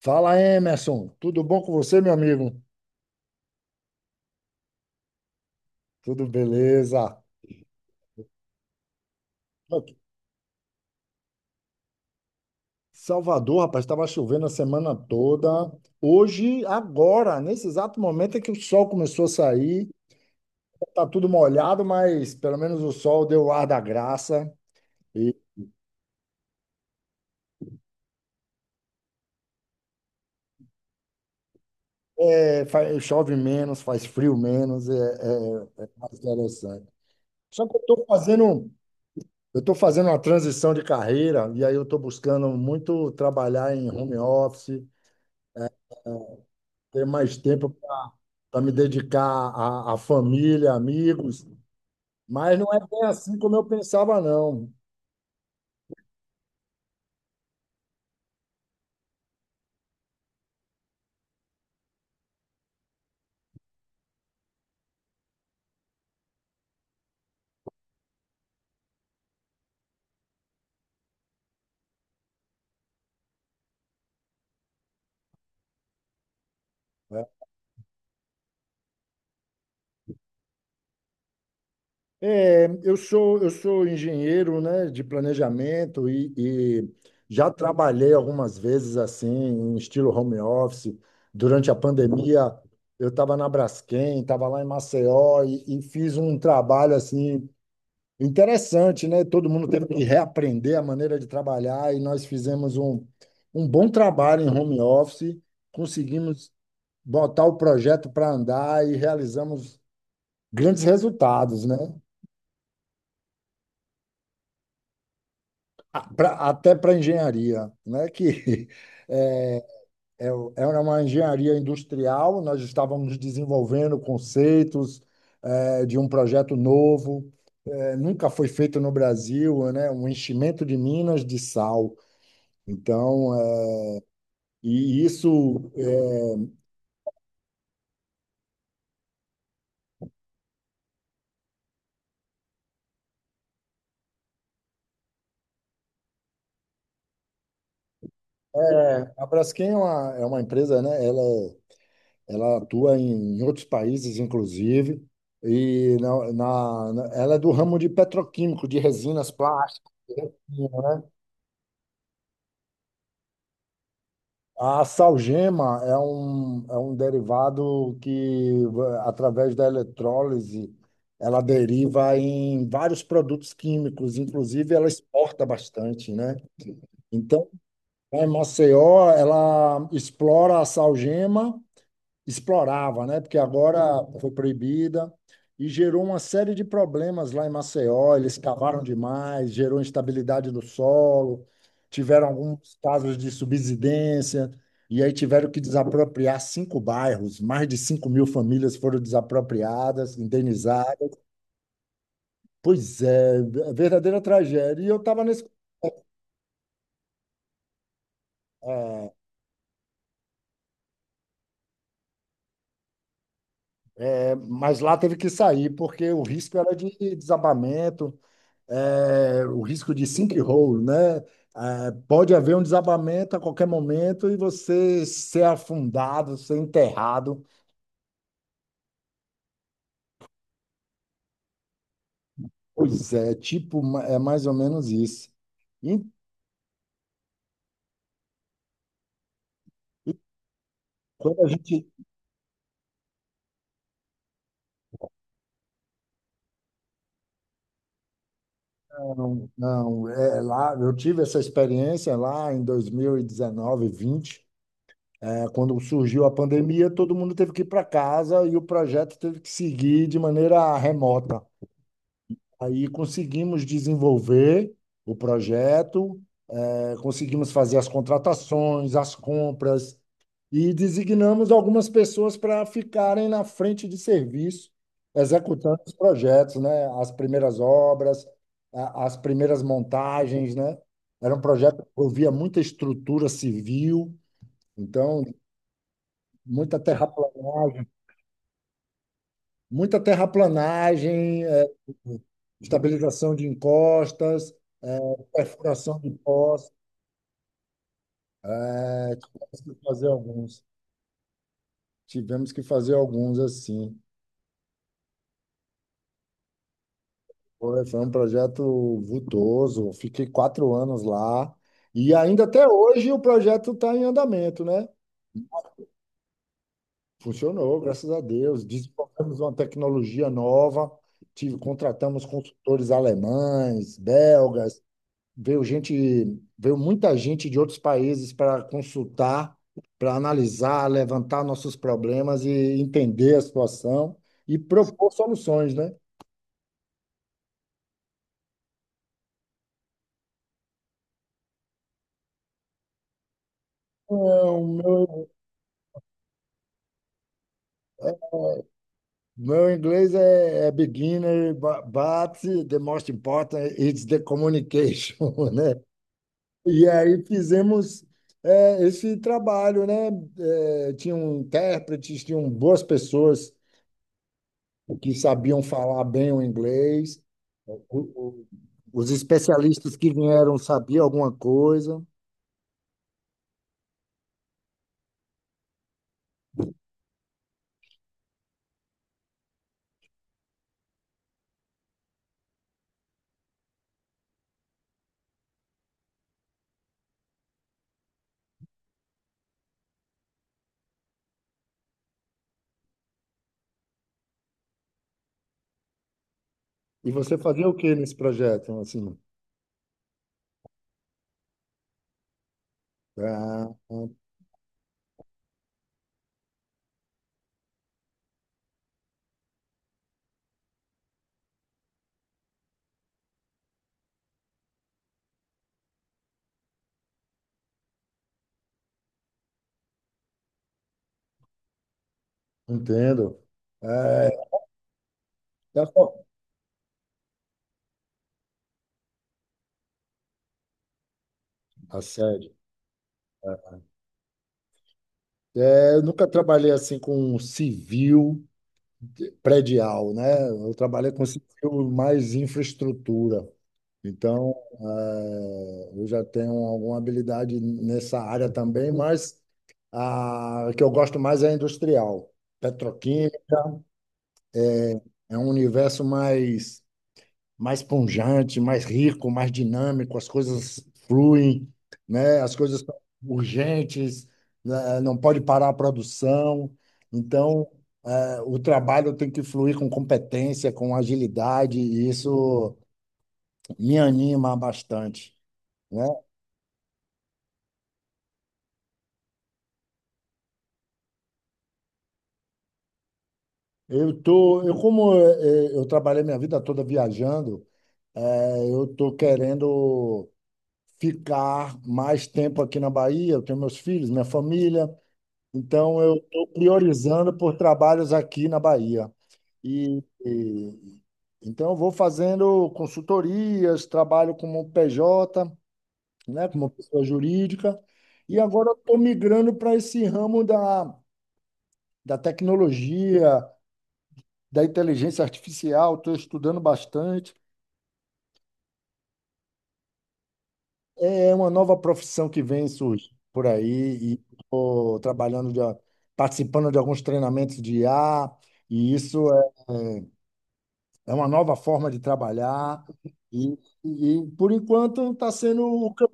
Fala, Emerson. Tudo bom com você, meu amigo? Tudo beleza. Ok. Salvador, rapaz, estava chovendo a semana toda. Hoje, agora, nesse exato momento é que o sol começou a sair. Tá tudo molhado, mas pelo menos o sol deu o ar da graça. E é, chove menos, faz frio menos, é mais interessante. Só que eu estou fazendo uma transição de carreira e aí eu estou buscando muito trabalhar em home office, ter mais tempo para me dedicar à família, amigos, mas não é bem assim como eu pensava, não. Né? É, eu sou engenheiro, né, de planejamento e já trabalhei algumas vezes assim, em estilo home office. Durante a pandemia, eu estava na Braskem, estava lá em Maceió e fiz um trabalho assim interessante, né? Todo mundo teve que reaprender a maneira de trabalhar e nós fizemos um bom trabalho em home office, conseguimos botar o projeto para andar e realizamos grandes resultados, né? Até para engenharia, né? Que é, é uma engenharia industrial, nós estávamos desenvolvendo conceitos de um projeto novo, nunca foi feito no Brasil, né? Um enchimento de minas de sal. Então, é, e isso é, a Braskem é uma empresa, né? Ela atua em outros países, inclusive, e ela é do ramo de petroquímico, de resinas plásticas, né? A salgema é um derivado que, através da eletrólise, ela deriva em vários produtos químicos, inclusive ela exporta bastante, né? Então, a Maceió, ela explora a salgema, explorava, né? Porque agora foi proibida e gerou uma série de problemas lá em Maceió. Eles cavaram demais, gerou instabilidade do solo, tiveram alguns casos de subsidência, e aí tiveram que desapropriar 5 bairros, mais de 5 mil famílias foram desapropriadas, indenizadas. Pois é, é verdadeira tragédia. E eu estava nesse. É, mas lá teve que sair, porque o risco era de desabamento. É, o risco de sinkhole, né? É, pode haver um desabamento a qualquer momento e você ser afundado, ser enterrado. Pois é, tipo, é mais ou menos isso. E, e quando a gente. Não, não, é, lá, eu tive essa experiência lá em 2019, 20, é, quando surgiu a pandemia, todo mundo teve que ir para casa e o projeto teve que seguir de maneira remota. Aí conseguimos desenvolver o projeto. É, conseguimos fazer as contratações, as compras e designamos algumas pessoas para ficarem na frente de serviço, executando os projetos, né? As primeiras obras, as primeiras montagens, né? Era um projeto que envolvia muita estrutura civil, então muita terraplanagem, muita terraplanagem, estabilização de encostas, eh, perfuração de poços, eh, fazer alguns. Tivemos que fazer alguns assim. Foi, foi um projeto vultoso. Fiquei 4 anos lá. E ainda até hoje o projeto está em andamento, né? Funcionou, graças a Deus. Desenvolvemos uma tecnologia nova. Tive, contratamos consultores alemães, belgas. Veio gente, veio muita gente de outros países para consultar, para analisar, levantar nossos problemas e entender a situação e propor soluções, né? Não, meu Meu inglês é, é beginner, but the most important is the communication, né? E aí fizemos é, esse trabalho, né? É, tinham intérpretes, tinham boas pessoas que sabiam falar bem o inglês. O- o- os especialistas que vieram sabiam alguma coisa. E você fazia o que nesse projeto? Assim, ah, entendo. É, tá bom. Tá certo. É, eu nunca trabalhei assim com civil predial, né? Eu trabalhei com civil mais infraestrutura. Então, eu já tenho alguma habilidade nessa área também, mas a que eu gosto mais é industrial. Petroquímica é um universo mais pungente, mais rico, mais dinâmico, as coisas fluem, né? As coisas são urgentes, né? Não pode parar a produção. Então, o trabalho tem que fluir com competência, com agilidade, e isso me anima bastante, né? Eu como eu trabalhei minha vida toda viajando, eu tô querendo ficar mais tempo aqui na Bahia, eu tenho meus filhos, minha família. Então, eu estou priorizando por trabalhos aqui na Bahia. E, e- então, eu vou fazendo consultorias, trabalho como PJ, né, como pessoa jurídica, e agora estou migrando para esse ramo da, da tecnologia, da inteligência artificial, estou estudando bastante. É uma nova profissão que vem surgindo por aí, e estou trabalhando, de, participando de alguns treinamentos de IA, e isso é uma nova forma de trabalhar e, e por enquanto está sendo o que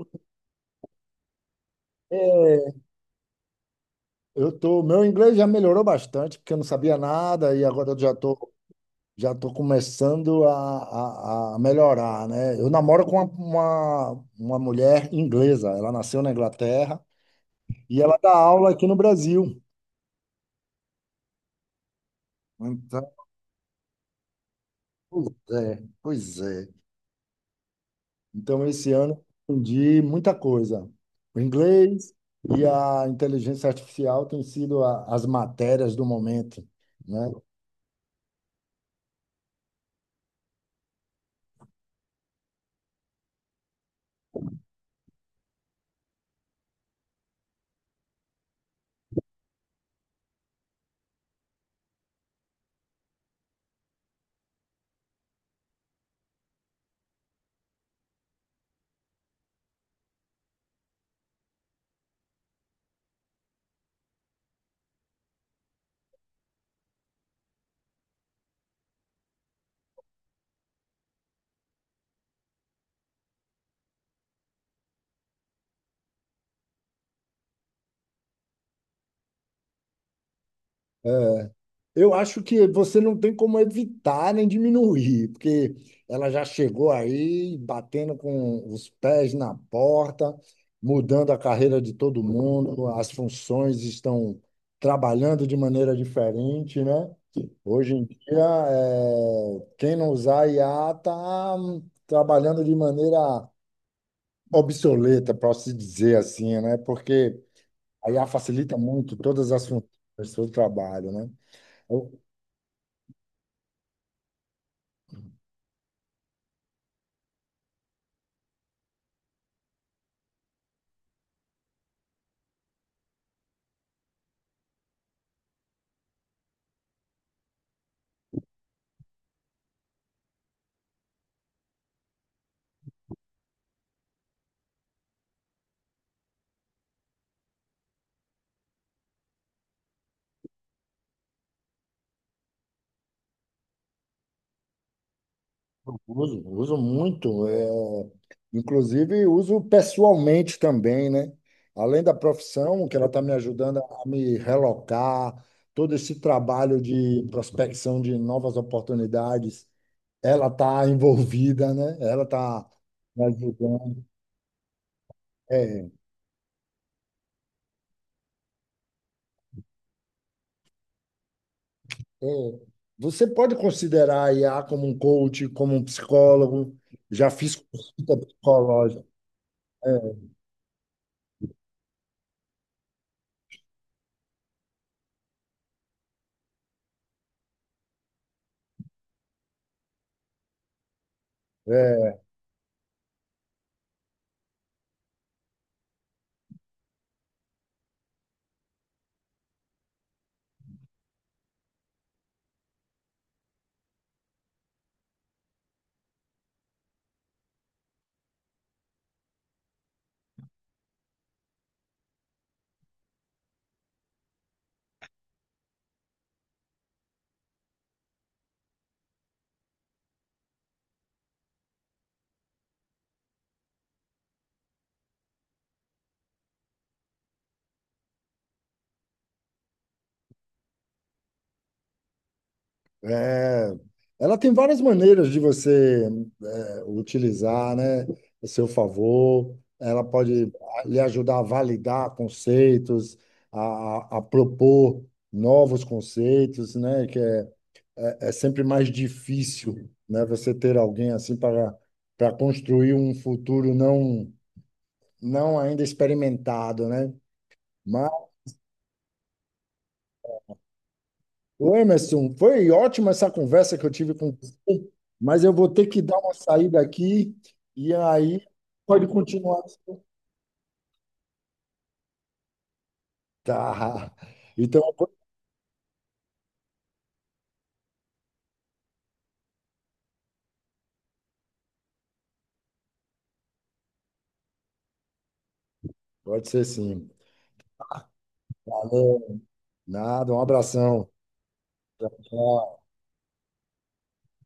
meu inglês já melhorou bastante, porque eu não sabia nada e agora já tô começando a melhorar, né? Eu namoro com uma mulher inglesa, ela nasceu na Inglaterra e ela dá aula aqui no Brasil. Então, pois é, pois é. Então, esse ano, eu aprendi muita coisa. O inglês e a inteligência artificial têm sido as matérias do momento, né? É, eu acho que você não tem como evitar nem diminuir, porque ela já chegou aí batendo com os pés na porta, mudando a carreira de todo mundo, as funções estão trabalhando de maneira diferente, né? Hoje em dia, é, quem não usar IA está trabalhando de maneira obsoleta, para se dizer assim, né? Porque a IA facilita muito todas as funções do seu trabalho, né? Eu uso, uso muito, é, inclusive uso pessoalmente também, né? Além da profissão, que ela está me ajudando a me relocar, todo esse trabalho de prospecção de novas oportunidades ela está envolvida, né? Ela está me ajudando. É, é. Você pode considerar a IA como um coach, como um psicólogo. Já fiz consulta psicológica. É, é, é. Ela tem várias maneiras de você, né, utilizar, né, a seu favor. Ela pode lhe ajudar a validar conceitos, a, a a propor novos conceitos, né, que é é, é sempre mais difícil, né, você ter alguém assim para para construir um futuro não ainda experimentado, né? Mas, ô, Emerson, foi ótima essa conversa que eu tive com você, mas eu vou ter que dar uma saída aqui e aí pode continuar. Tá. Então, pode ser, sim. Valeu. Nada, um abração. Tchau.